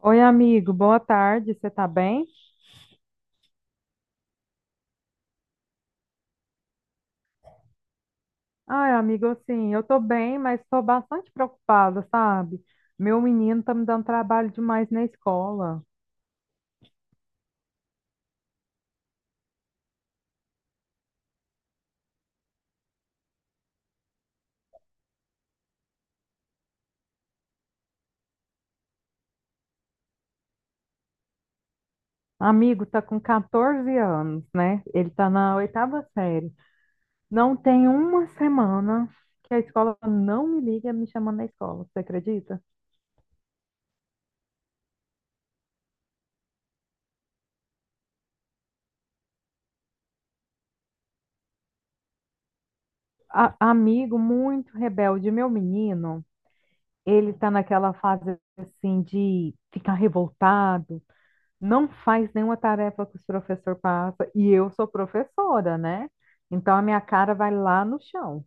Oi, amigo, boa tarde, você tá bem? Ai, amigo, assim, eu tô bem, mas tô bastante preocupada, sabe? Meu menino tá me dando trabalho demais na escola. Amigo, tá com 14 anos, né? Ele tá na oitava série. Não tem uma semana que a escola não me liga me chamando na escola, você acredita? Amigo, muito rebelde, meu menino, ele tá naquela fase, assim, de ficar revoltado, não faz nenhuma tarefa que os professor passa e eu sou professora, né? Então a minha cara vai lá no chão.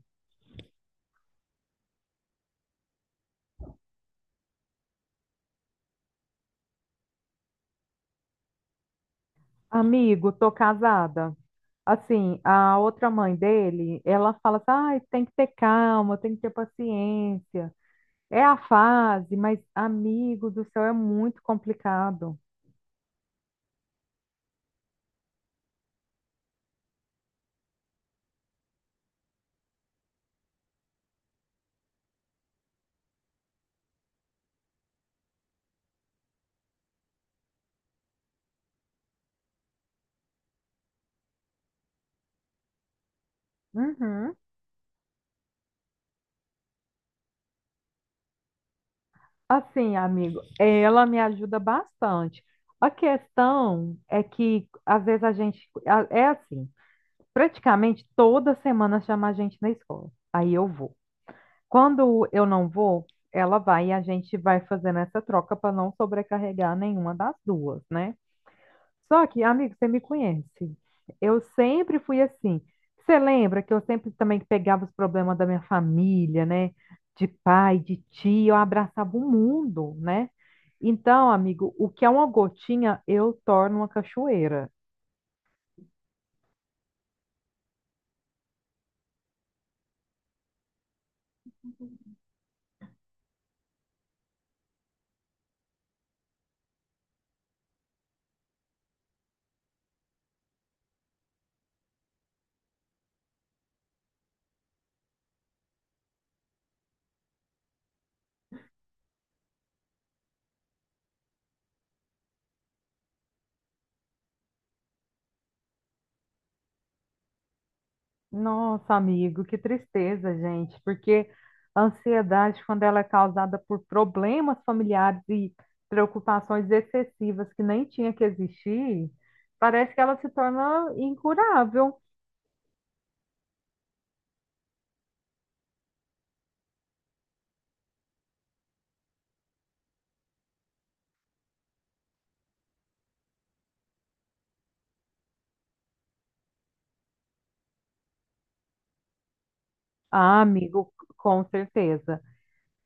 Amigo, tô casada. Assim, a outra mãe dele, ela fala assim, ai, tem que ter calma, tem que ter paciência. É a fase, mas amigo do céu, é muito complicado. Uhum. Assim, amigo, ela me ajuda bastante. A questão é que às vezes a gente é assim, praticamente toda semana chama a gente na escola. Aí eu vou. Quando eu não vou, ela vai e a gente vai fazendo essa troca para não sobrecarregar nenhuma das duas, né? Só que, amigo, você me conhece. Eu sempre fui assim. Você lembra que eu sempre também pegava os problemas da minha família, né? De pai, de tio, eu abraçava o mundo, né? Então, amigo, o que é uma gotinha, eu torno uma cachoeira. Nossa, amigo, que tristeza, gente, porque a ansiedade, quando ela é causada por problemas familiares e preocupações excessivas que nem tinha que existir, parece que ela se torna incurável. Ah, amigo, com certeza.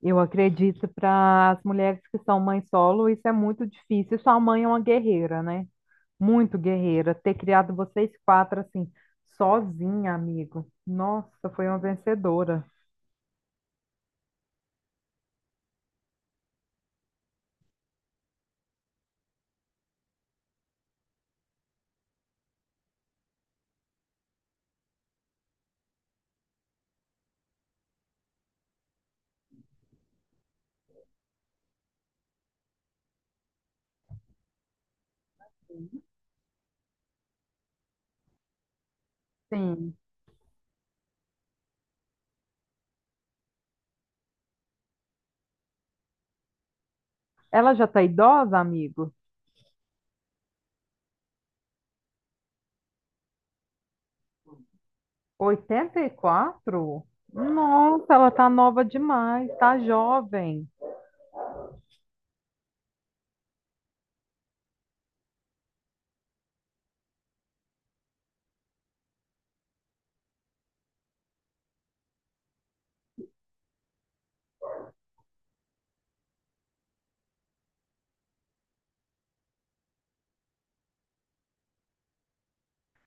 Eu acredito, para as mulheres que são mãe solo, isso é muito difícil. Sua mãe é uma guerreira, né? Muito guerreira. Ter criado vocês quatro assim, sozinha, amigo. Nossa, foi uma vencedora. Sim. Ela já tá idosa, amigo? 84? Nossa, ela tá nova demais, tá jovem.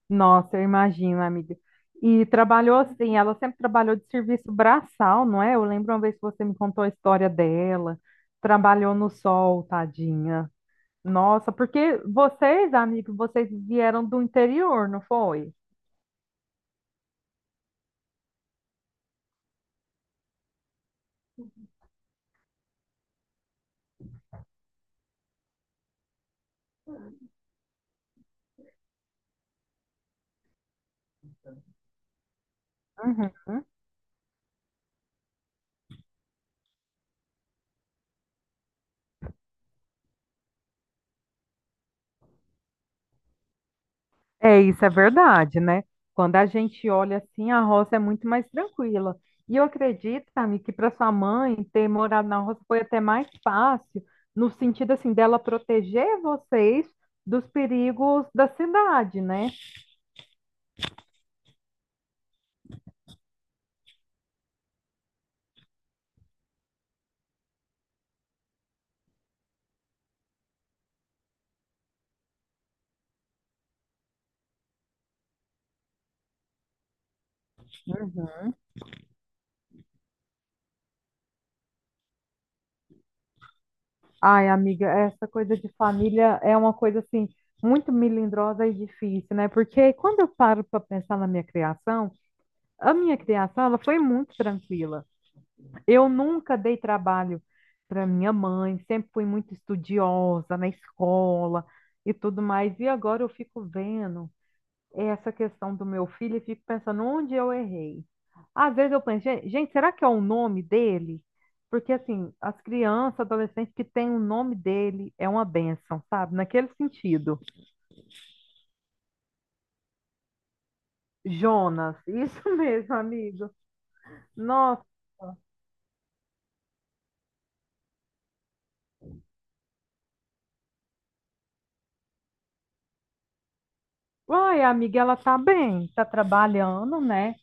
Nossa, eu imagino, amiga. E trabalhou assim, ela sempre trabalhou de serviço braçal, não é? Eu lembro uma vez que você me contou a história dela. Trabalhou no sol, tadinha. Nossa, porque vocês, amigos, vocês vieram do interior, não foi? Uhum. É, isso é verdade, né? Quando a gente olha assim, a roça é muito mais tranquila. E eu acredito, amigo, que para sua mãe ter morado na roça foi até mais fácil, no sentido assim, dela proteger vocês dos perigos da cidade, né? Ai, amiga, essa coisa de família é uma coisa assim muito melindrosa e difícil, né? Porque quando eu paro para pensar na minha criação, a minha criação, ela foi muito tranquila. Eu nunca dei trabalho para minha mãe, sempre fui muito estudiosa na escola e tudo mais. E agora eu fico vendo essa questão do meu filho e fico pensando onde eu errei. Às vezes eu penso, gente, será que é o nome dele? Porque assim, as crianças, adolescentes que têm o nome dele é uma bênção, sabe? Naquele sentido." Jonas, isso mesmo, amigo. Nossa. Uai, amiga, ela tá bem, tá trabalhando, né?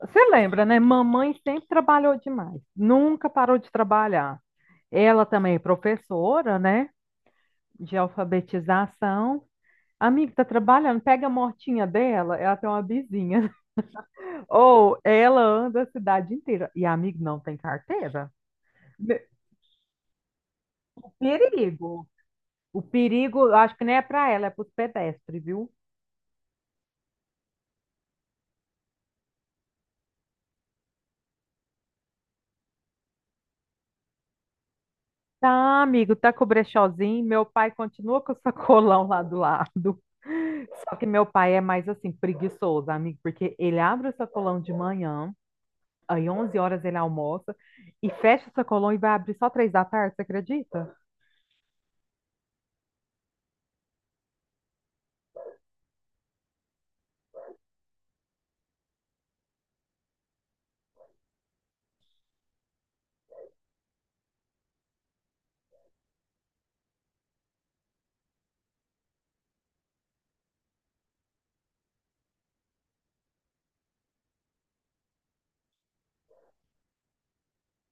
Você lembra, né? Mamãe sempre trabalhou demais, nunca parou de trabalhar. Ela também é professora, né? De alfabetização. Amiga, tá trabalhando, pega a motinha dela, ela tem uma vizinha. Ou ela anda a cidade inteira. E a amiga não tem carteira. Me- O perigo. O perigo, eu acho que nem é pra ela, é pros pedestres, viu? Tá, amigo, tá com o brechózinho. Meu pai continua com o sacolão lá do lado. Só que meu pai é mais assim, preguiçoso, amigo, porque ele abre o sacolão de manhã, aí 11 horas ele almoça, e fecha o sacolão e vai abrir só 3 da tarde, você acredita?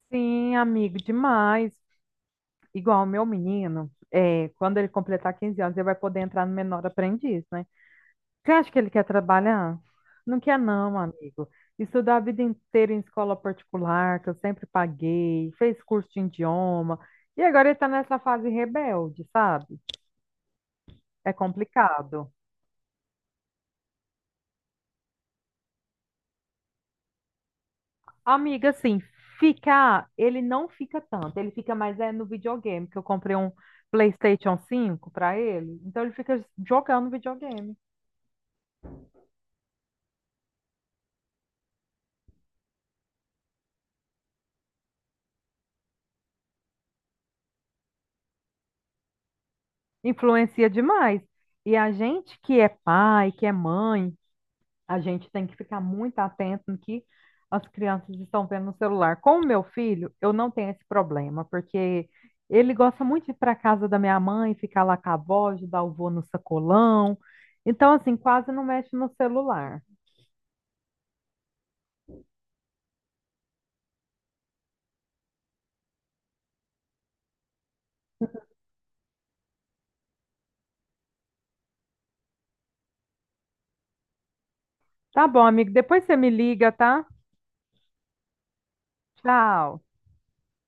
Sim, amigo, demais. Igual o meu menino, é, quando ele completar 15 anos, ele vai poder entrar no menor aprendiz, né? Você acha que ele quer trabalhar? Não quer não, amigo. Estudou a vida inteira em escola particular, que eu sempre paguei, fez curso de idioma, e agora ele está nessa fase rebelde, sabe? É complicado. Amiga, assim, ficar, ele não fica tanto, ele fica mais é no videogame, que eu comprei um PlayStation 5 para ele, então ele fica jogando videogame. Influencia demais. E a gente que é pai, que é mãe, a gente tem que ficar muito atento no que as crianças estão vendo no celular. Com o meu filho, eu não tenho esse problema, porque ele gosta muito de ir para casa da minha mãe, ficar lá com a avó, ajudar o vô no sacolão. Então, assim, quase não mexe no celular. Tá bom, amigo. Depois você me liga, tá? Tchau.